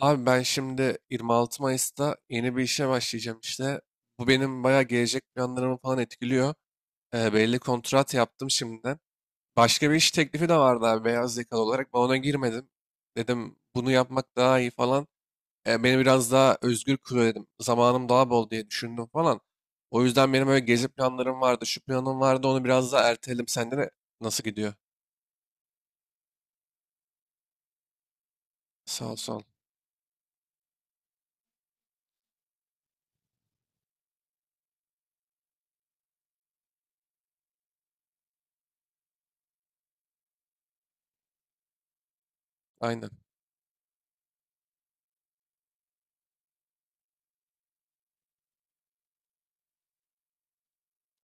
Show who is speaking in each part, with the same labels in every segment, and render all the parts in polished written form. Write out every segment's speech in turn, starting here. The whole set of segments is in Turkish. Speaker 1: Abi ben şimdi 26 Mayıs'ta yeni bir işe başlayacağım işte. Bu benim bayağı gelecek planlarımı falan etkiliyor. Belli kontrat yaptım şimdiden. Başka bir iş teklifi de vardı abi beyaz yakalı olarak. Ben ona girmedim. Dedim bunu yapmak daha iyi falan. Beni biraz daha özgür kılıyor dedim. Zamanım daha bol diye düşündüm falan. O yüzden benim öyle gezi planlarım vardı. Şu planım vardı onu biraz daha erteledim. Sende de nasıl gidiyor? Sağ ol sağ ol. Aynen.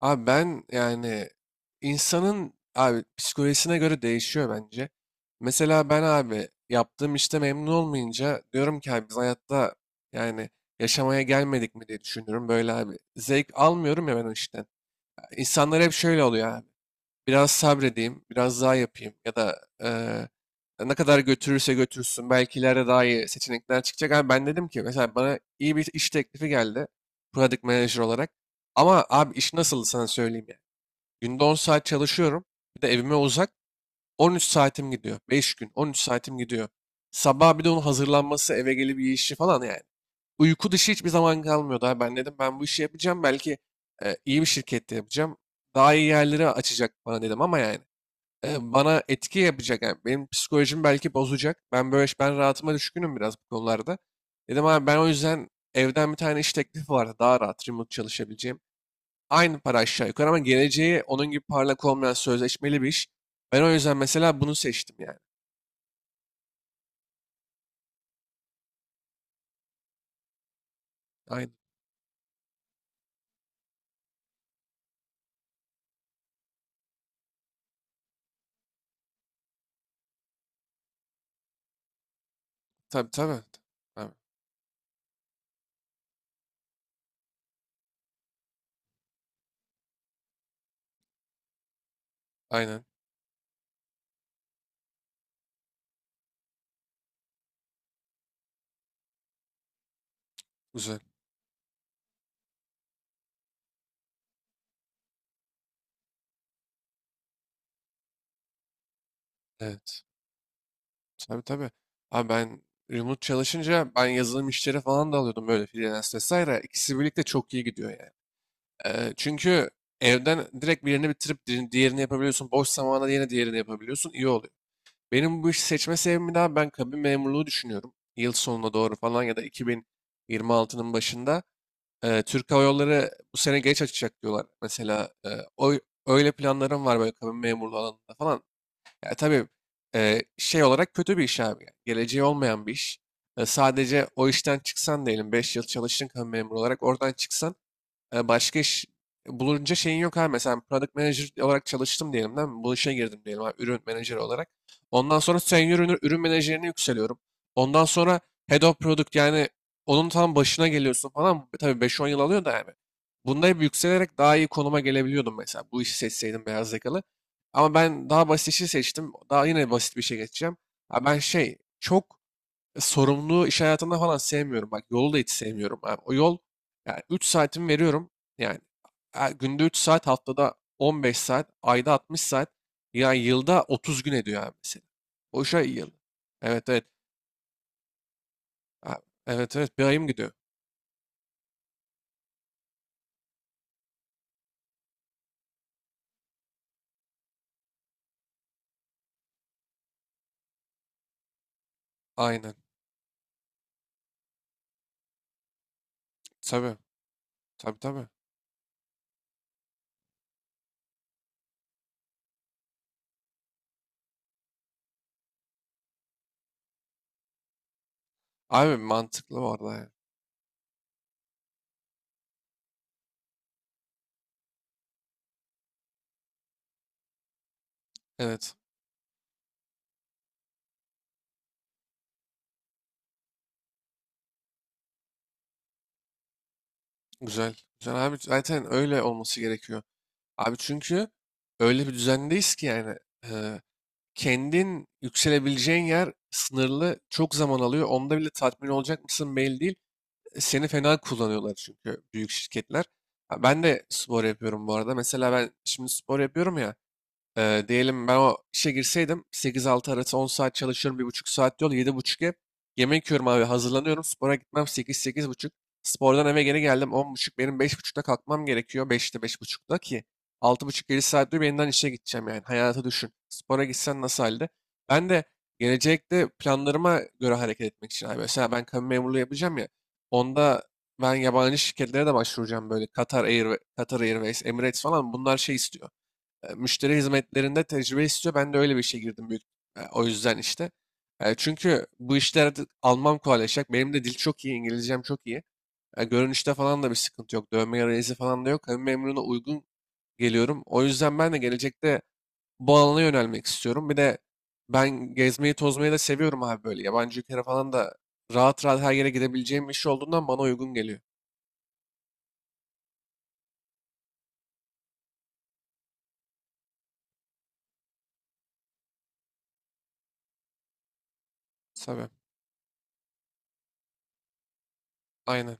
Speaker 1: Abi ben yani insanın abi psikolojisine göre değişiyor bence. Mesela ben abi yaptığım işte memnun olmayınca diyorum ki abi biz hayatta yani yaşamaya gelmedik mi diye düşünüyorum böyle abi. Zevk almıyorum ya ben o işten. İnsanlar hep şöyle oluyor abi. Biraz sabredeyim, biraz daha yapayım ya da ne kadar götürürse götürsün belki ileride daha iyi seçenekler çıkacak. Abi ben dedim ki mesela bana iyi bir iş teklifi geldi product manager olarak. Ama abi iş nasıldı sana söyleyeyim ya. Günde 10 saat çalışıyorum. Bir de evime uzak. 13 saatim gidiyor. 5 gün 13 saatim gidiyor. Sabah bir de onun hazırlanması, eve gelip iyi işi falan yani. Uyku dışı hiçbir zaman kalmıyordu abi. Ben dedim ben bu işi yapacağım. Belki iyi bir şirkette yapacağım. Daha iyi yerleri açacak bana dedim ama yani. Bana etki yapacak. Yani benim psikolojimi belki bozacak. Ben böyle ben rahatıma düşkünüm biraz bu konularda. Dedim abi ben o yüzden evden bir tane iş teklifi vardı. Daha rahat remote çalışabileceğim. Aynı para aşağı yukarı ama geleceği onun gibi parlak olmayan sözleşmeli bir iş. Ben o yüzden mesela bunu seçtim yani. Aynen. Tabii tabii. Tabii. Aynen. Güzel. Evet. Tabii tabii. Abi ben remote çalışınca ben yazılım işleri falan da alıyordum böyle freelance vesaire. İkisi birlikte çok iyi gidiyor yani. Çünkü evden direkt birini bitirip diğerini yapabiliyorsun. Boş zamanda yine diğerini yapabiliyorsun. İyi oluyor. Benim bu işi seçme sebebim daha ben kabin memurluğu düşünüyorum. Yıl sonuna doğru falan ya da 2026'nın başında. Türk Hava Yolları bu sene geç açacak diyorlar. Mesela o öyle planlarım var böyle kabin memurluğu alanında falan. Ya tabii şey olarak kötü bir iş abi. Yani geleceği olmayan bir iş. Sadece o işten çıksan diyelim 5 yıl çalıştın kabin memuru olarak oradan çıksan başka iş bulunca şeyin yok abi. Mesela ben product manager olarak çalıştım diyelim değil mi? Bu işe girdim diyelim abi, ürün menajeri olarak. Ondan sonra senior ürün, ürün menajerine yükseliyorum. Ondan sonra head of product yani onun tam başına geliyorsun falan. Tabii beş on yıl alıyor da yani. Bunda hep yükselerek daha iyi konuma gelebiliyordum mesela. Bu işi seçseydim beyaz yakalı. Ama ben daha basit işi seçtim. Daha yine basit bir şey geçeceğim. Ha ben şey çok sorumluluğu iş hayatında falan sevmiyorum. Bak yolu da hiç sevmiyorum abi. O yol yani 3 saatimi veriyorum. Yani günde 3 saat, haftada 15 saat, ayda 60 saat. Yani yılda 30 gün ediyor abi mesela. Boşa yıl. Evet evet. Ha, evet evet bir ayım gidiyor. Aynen. Tabii. Tabii tabii. Abi mantıklı bu arada ya. Evet. Güzel. Güzel abi zaten öyle olması gerekiyor. Abi çünkü öyle bir düzendeyiz ki yani. Kendin yükselebileceğin yer sınırlı, çok zaman alıyor. Onda bile tatmin olacak mısın belli değil. Seni fena kullanıyorlar çünkü büyük şirketler. Ha, ben de spor yapıyorum bu arada. Mesela ben şimdi spor yapıyorum ya. Diyelim ben o işe girseydim 8-6 arası 10 saat çalışıyorum, bir buçuk saat yol, 7,5 ev. Yemek yiyorum abi, hazırlanıyorum, spora gitmem 8 buçuk. Spordan eve geri geldim on buçuk. Benim beş buçukta kalkmam gerekiyor. 5'te buçukta ki altı buçuk 7 saat diyor yeniden işe gideceğim, yani hayatı düşün. Spora gitsen nasıl halde? Ben de gelecekte planlarıma göre hareket etmek için abi. Mesela ben kamu memurluğu yapacağım ya, onda ben yabancı şirketlere de başvuracağım böyle Qatar Air, Qatar Airways, Emirates falan, bunlar şey istiyor, müşteri hizmetlerinde tecrübe istiyor. Ben de öyle bir işe girdim büyük. O yüzden işte. Çünkü bu işler artık almam kolaylaşacak. Benim de dil çok iyi, İngilizcem çok iyi. Görünüşte falan da bir sıkıntı yok. Dövme yarayızı falan da yok. Hem memuruna uygun geliyorum. O yüzden ben de gelecekte bu alana yönelmek istiyorum. Bir de ben gezmeyi tozmayı da seviyorum abi böyle. Yabancı ülkelere falan da rahat rahat her yere gidebileceğim bir iş olduğundan bana uygun geliyor. Tabii. Aynen.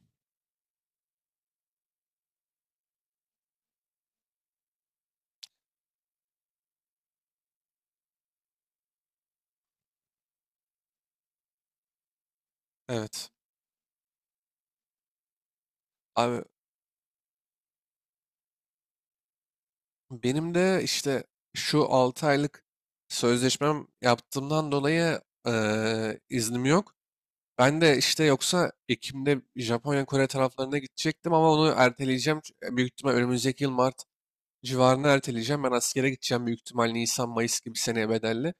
Speaker 1: Evet. Abi benim de işte şu 6 aylık sözleşmem yaptığımdan dolayı iznim yok. Ben de işte yoksa Ekim'de Japonya, Kore taraflarına gidecektim ama onu erteleyeceğim. Büyük ihtimal önümüzdeki yıl Mart civarına erteleyeceğim. Ben askere gideceğim büyük ihtimal Nisan, Mayıs gibi seneye bedelli.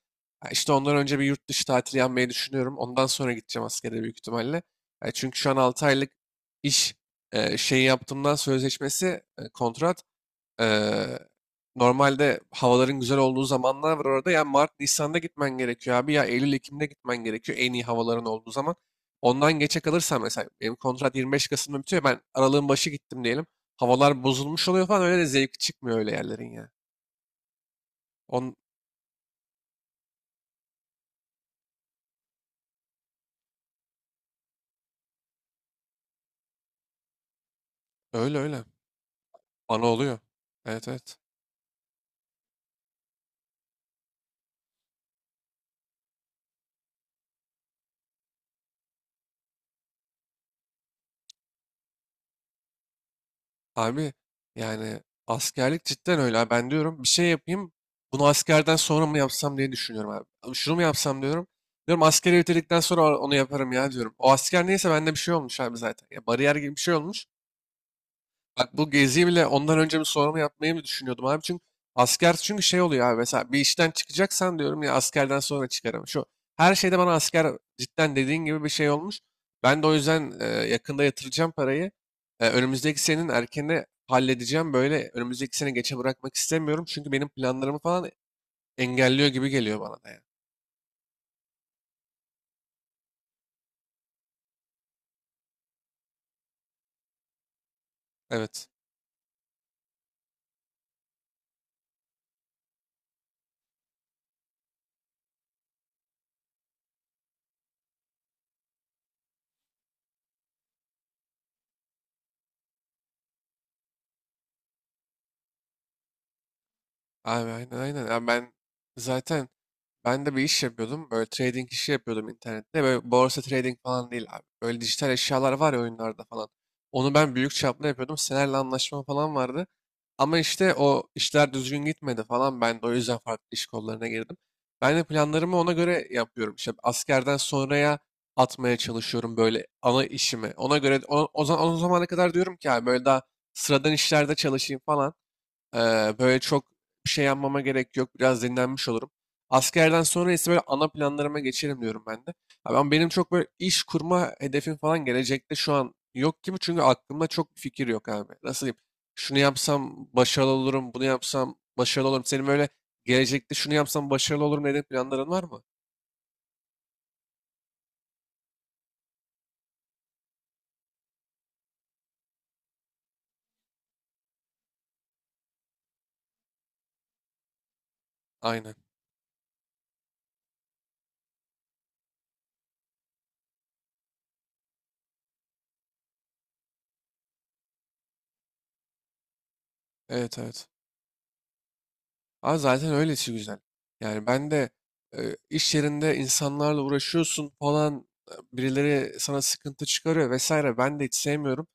Speaker 1: Ya İşte ondan önce bir yurt dışı tatili yapmayı düşünüyorum. Ondan sonra gideceğim askere büyük ihtimalle. Ya çünkü şu an 6 aylık iş şeyi yaptığımdan sözleşmesi, kontrat. Eee, Normalde havaların güzel olduğu zamanlar var orada. Ya Mart, Nisan'da gitmen gerekiyor abi. Ya Eylül, Ekim'de gitmen gerekiyor en iyi havaların olduğu zaman. Ondan geçe kalırsan mesela benim kontrat 25 Kasım'da bitiyor. Ben aralığın başı gittim diyelim. Havalar bozulmuş oluyor falan. Öyle de zevk çıkmıyor öyle yerlerin ya. On, Öyle öyle. Bana oluyor. Evet evet. Abi yani askerlik cidden öyle. Ha, ben diyorum bir şey yapayım. Bunu askerden sonra mı yapsam diye düşünüyorum abi. Abi şunu mu yapsam diyorum. Diyorum askeri bitirdikten sonra onu yaparım ya diyorum. O asker neyse bende bir şey olmuş abi zaten. Ya bariyer gibi bir şey olmuş. Bak bu geziyi bile ondan önce mi sonra mı yapmayı mı düşünüyordum abi? Çünkü asker çünkü şey oluyor abi, mesela bir işten çıkacaksan diyorum ya askerden sonra çıkarım. Şu her şeyde bana asker cidden dediğin gibi bir şey olmuş. Ben de o yüzden yakında yatıracağım parayı. Önümüzdeki senenin erkene halledeceğim. Böyle önümüzdeki sene geçe bırakmak istemiyorum. Çünkü benim planlarımı falan engelliyor gibi geliyor bana da yani. Evet. Abi aynen aynen. Ya ben zaten ben de bir iş yapıyordum. Böyle trading işi yapıyordum internette. Böyle borsa trading falan değil abi. Böyle dijital eşyalar var ya oyunlarda falan. Onu ben büyük çaplı yapıyordum. Senelerle anlaşma falan vardı. Ama işte o işler düzgün gitmedi falan. Ben de o yüzden farklı iş kollarına girdim. Ben de planlarımı ona göre yapıyorum. İşte askerden sonraya atmaya çalışıyorum böyle ana işimi. Ona göre o zaman o zamana kadar diyorum ki abi böyle daha sıradan işlerde çalışayım falan. Böyle çok bir şey yapmama gerek yok. Biraz dinlenmiş olurum. Askerden sonra ise böyle ana planlarıma geçerim diyorum ben de. Abi ama benim çok böyle iş kurma hedefim falan gelecekte şu an yok gibi. Çünkü aklımda çok bir fikir yok abi. Nasıl diyeyim? Şunu yapsam başarılı olurum, bunu yapsam başarılı olurum. Senin böyle gelecekte şunu yapsam başarılı olurum dediğin planların var mı? Aynen. Evet evet. Aa, zaten öyle işi güzel. Yani ben de iş yerinde insanlarla uğraşıyorsun falan, birileri sana sıkıntı çıkarıyor vesaire, ben de hiç sevmiyorum.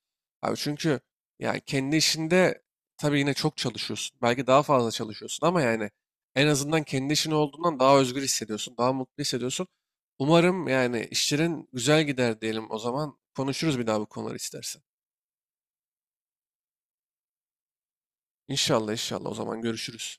Speaker 1: Abi çünkü yani kendi işinde tabii yine çok çalışıyorsun. Belki daha fazla çalışıyorsun ama yani en azından kendi işin olduğundan daha özgür hissediyorsun, daha mutlu hissediyorsun. Umarım yani işlerin güzel gider diyelim o zaman. Konuşuruz bir daha bu konuları istersen. İnşallah inşallah o zaman görüşürüz.